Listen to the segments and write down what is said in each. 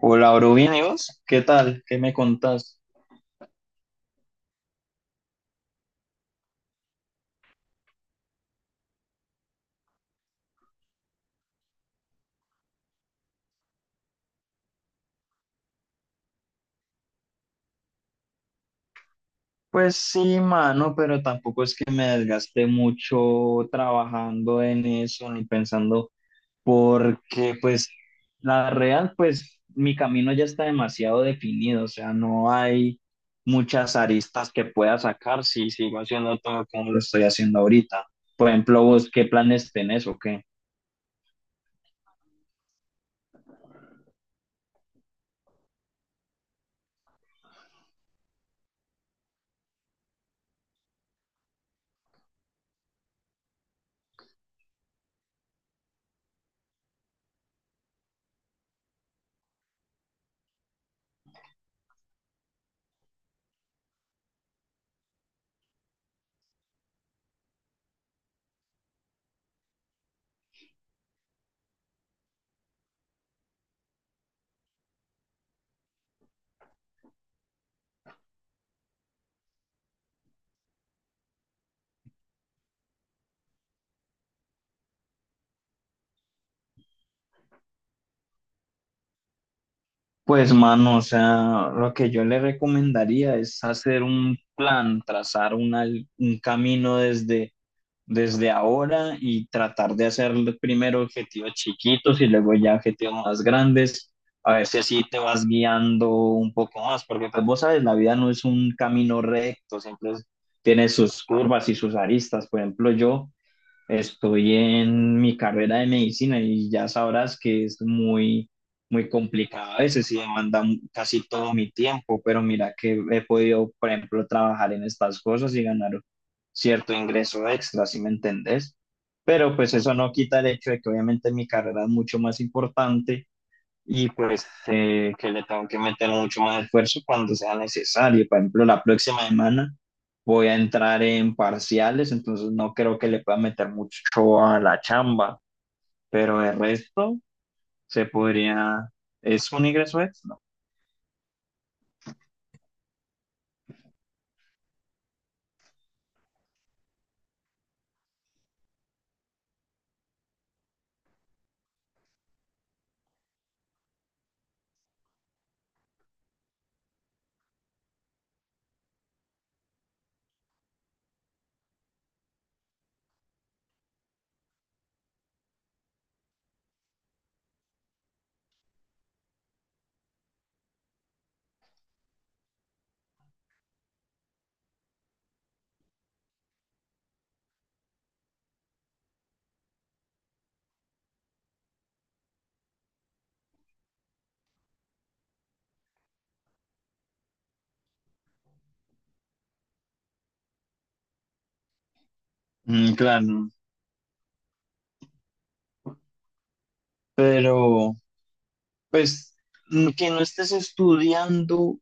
Hola, bro, bien, ¿y vos? ¿Qué tal? ¿Qué me contás? Pues sí, mano, pero tampoco es que me desgaste mucho trabajando en eso ni pensando, porque pues la real, pues mi camino ya está demasiado definido, o sea, no hay muchas aristas que pueda sacar si sigo haciendo todo como lo estoy haciendo ahorita. Por ejemplo, vos, ¿qué planes tenés o qué? Pues mano, o sea, lo que yo le recomendaría es hacer un plan, trazar un camino desde ahora y tratar de hacer primero objetivos chiquitos y luego ya objetivos más grandes, a ver si así te vas guiando un poco más, porque pues vos sabes, la vida no es un camino recto, siempre tiene sus curvas y sus aristas. Por ejemplo, yo estoy en mi carrera de medicina y ya sabrás que es muy complicado a veces y demanda casi todo mi tiempo, pero mira que he podido, por ejemplo, trabajar en estas cosas y ganar cierto ingreso extra, ¿si me entendés? Pero pues eso no quita el hecho de que obviamente mi carrera es mucho más importante y pues que le tengo que meter mucho más esfuerzo cuando sea necesario. Por ejemplo, la próxima semana voy a entrar en parciales, entonces no creo que le pueda meter mucho a la chamba, pero el resto se podría, es un ingreso extra. Claro, pero pues, que no estés estudiando,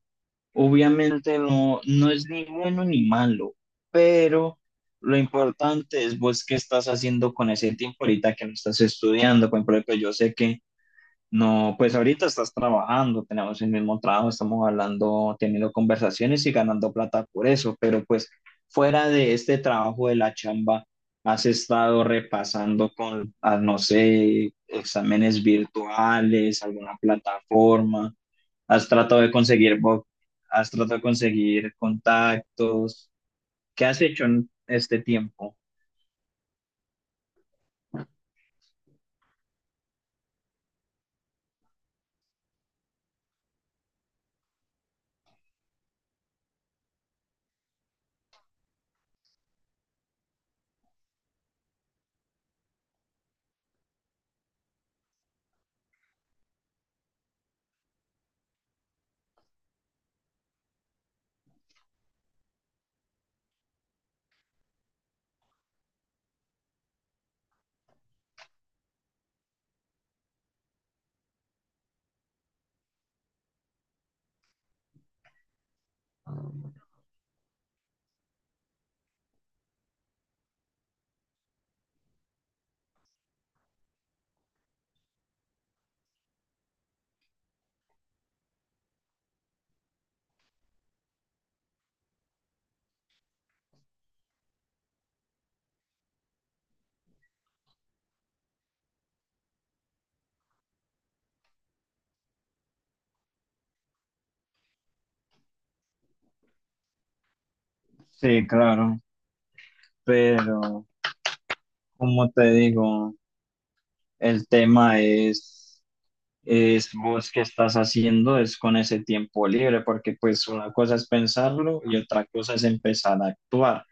obviamente no, no es ni bueno ni malo, pero lo importante es vos qué estás haciendo con ese tiempo ahorita que no estás estudiando. Por ejemplo, yo sé que no, pues ahorita estás trabajando, tenemos el mismo trabajo, estamos hablando, teniendo conversaciones y ganando plata por eso, pero pues fuera de este trabajo de la chamba, has estado repasando con, no sé, exámenes virtuales, alguna plataforma, has tratado de conseguir, has tratado de conseguir contactos, ¿qué has hecho en este tiempo? Sí, claro, pero como te digo, el tema es vos qué estás haciendo es con ese tiempo libre, porque pues una cosa es pensarlo y otra cosa es empezar a actuar.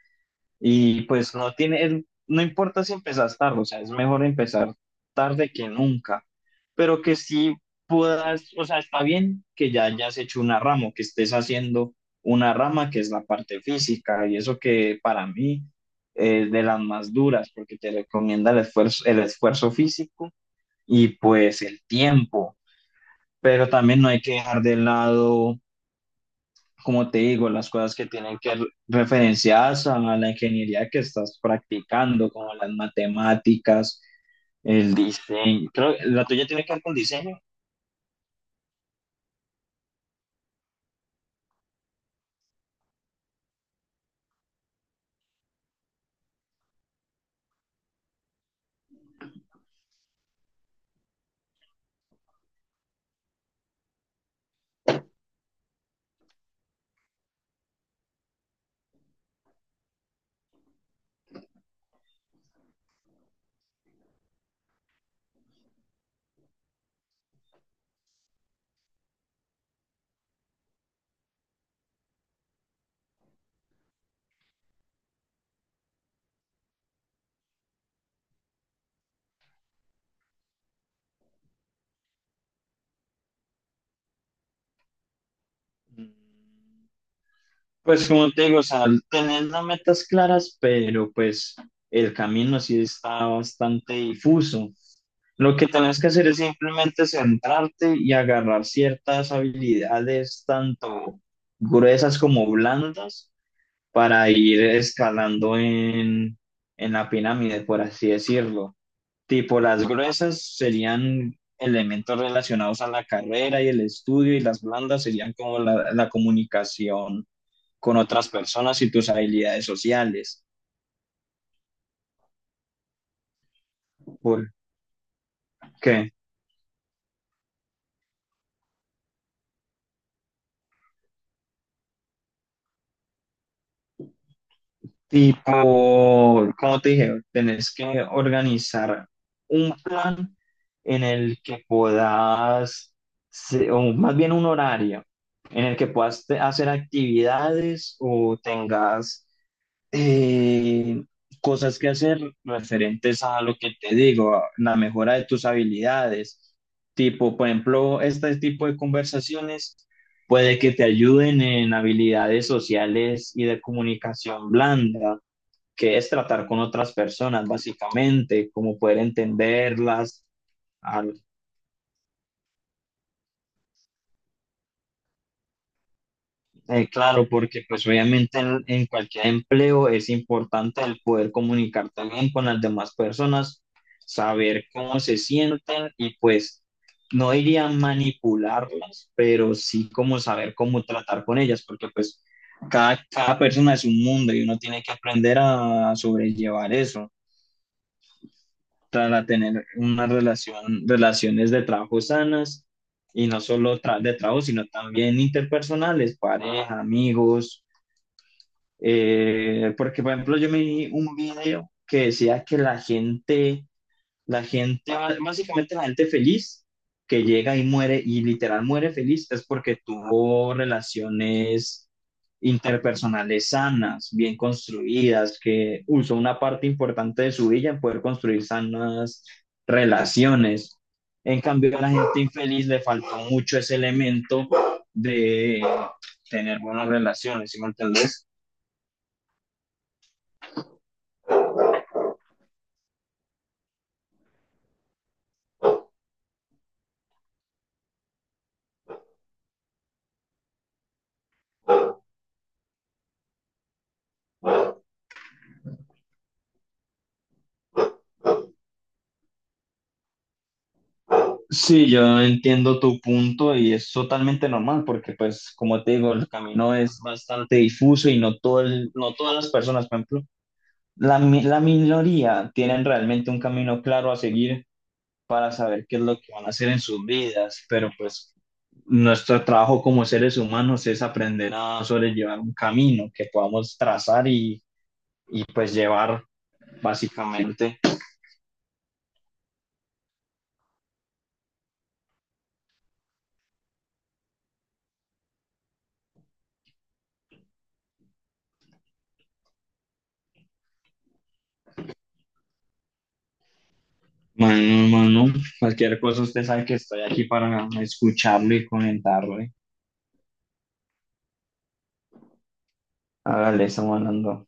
Y pues no tiene, no importa si empezas tarde, o sea, es mejor empezar tarde que nunca, pero que sí puedas, o sea, está bien que ya hayas hecho una rama, o que estés haciendo una rama que es la parte física y eso que para mí es de las más duras porque te recomienda el esfuerzo físico y pues el tiempo, pero también no hay que dejar de lado, como te digo, las cosas que tienen que referenciadas a la ingeniería que estás practicando, como las matemáticas, el diseño. Creo que la tuya tiene que ver con diseño. Mm, Pues como te digo, o sea, tener las metas claras, pero pues el camino sí está bastante difuso. Lo que tenés que hacer es simplemente centrarte y agarrar ciertas habilidades, tanto gruesas como blandas, para ir escalando en la pirámide, por así decirlo. Tipo, las gruesas serían elementos relacionados a la carrera y el estudio, y las blandas serían como la comunicación con otras personas y tus habilidades sociales. ¿Por qué? Tipo, como te dije, tenés que organizar un plan en el que puedas, o más bien un horario, en el que puedas hacer actividades o tengas eh, cosas que hacer referentes a lo que te digo, a la mejora de tus habilidades. Tipo, por ejemplo, este tipo de conversaciones puede que te ayuden en habilidades sociales y de comunicación blanda, que es tratar con otras personas, básicamente, como poder entenderlas. al- claro, porque pues obviamente en cualquier empleo es importante el poder comunicar también con las demás personas, saber cómo se sienten y pues no diría manipularlas, pero sí como saber cómo tratar con ellas, porque pues cada persona es un mundo y uno tiene que aprender a sobrellevar eso. Para tener unas relaciones de trabajo sanas y no solo de trabajo, sino también interpersonales, pareja, amigos, porque por ejemplo yo me vi un video que decía que la gente, básicamente la gente feliz que llega y muere y literal muere feliz es porque tuvo relaciones interpersonales sanas, bien construidas, que usó una parte importante de su vida en poder construir sanas relaciones. En cambio, a la gente infeliz le faltó mucho ese elemento de tener buenas relaciones, ¿sí me entendés? Sí, yo entiendo tu punto y es totalmente normal porque, pues, como te digo, el camino es bastante difuso y no todo el- no todas las personas, por ejemplo, la minoría tienen realmente un camino claro a seguir para saber qué es lo que van a hacer en sus vidas, pero pues nuestro trabajo como seres humanos es aprender a sobrellevar un camino que podamos trazar y pues llevar básicamente mano a mano. Cualquier cosa, usted sabe que estoy aquí para escucharlo y comentarlo, ¿eh? Hágale, estamos hablando.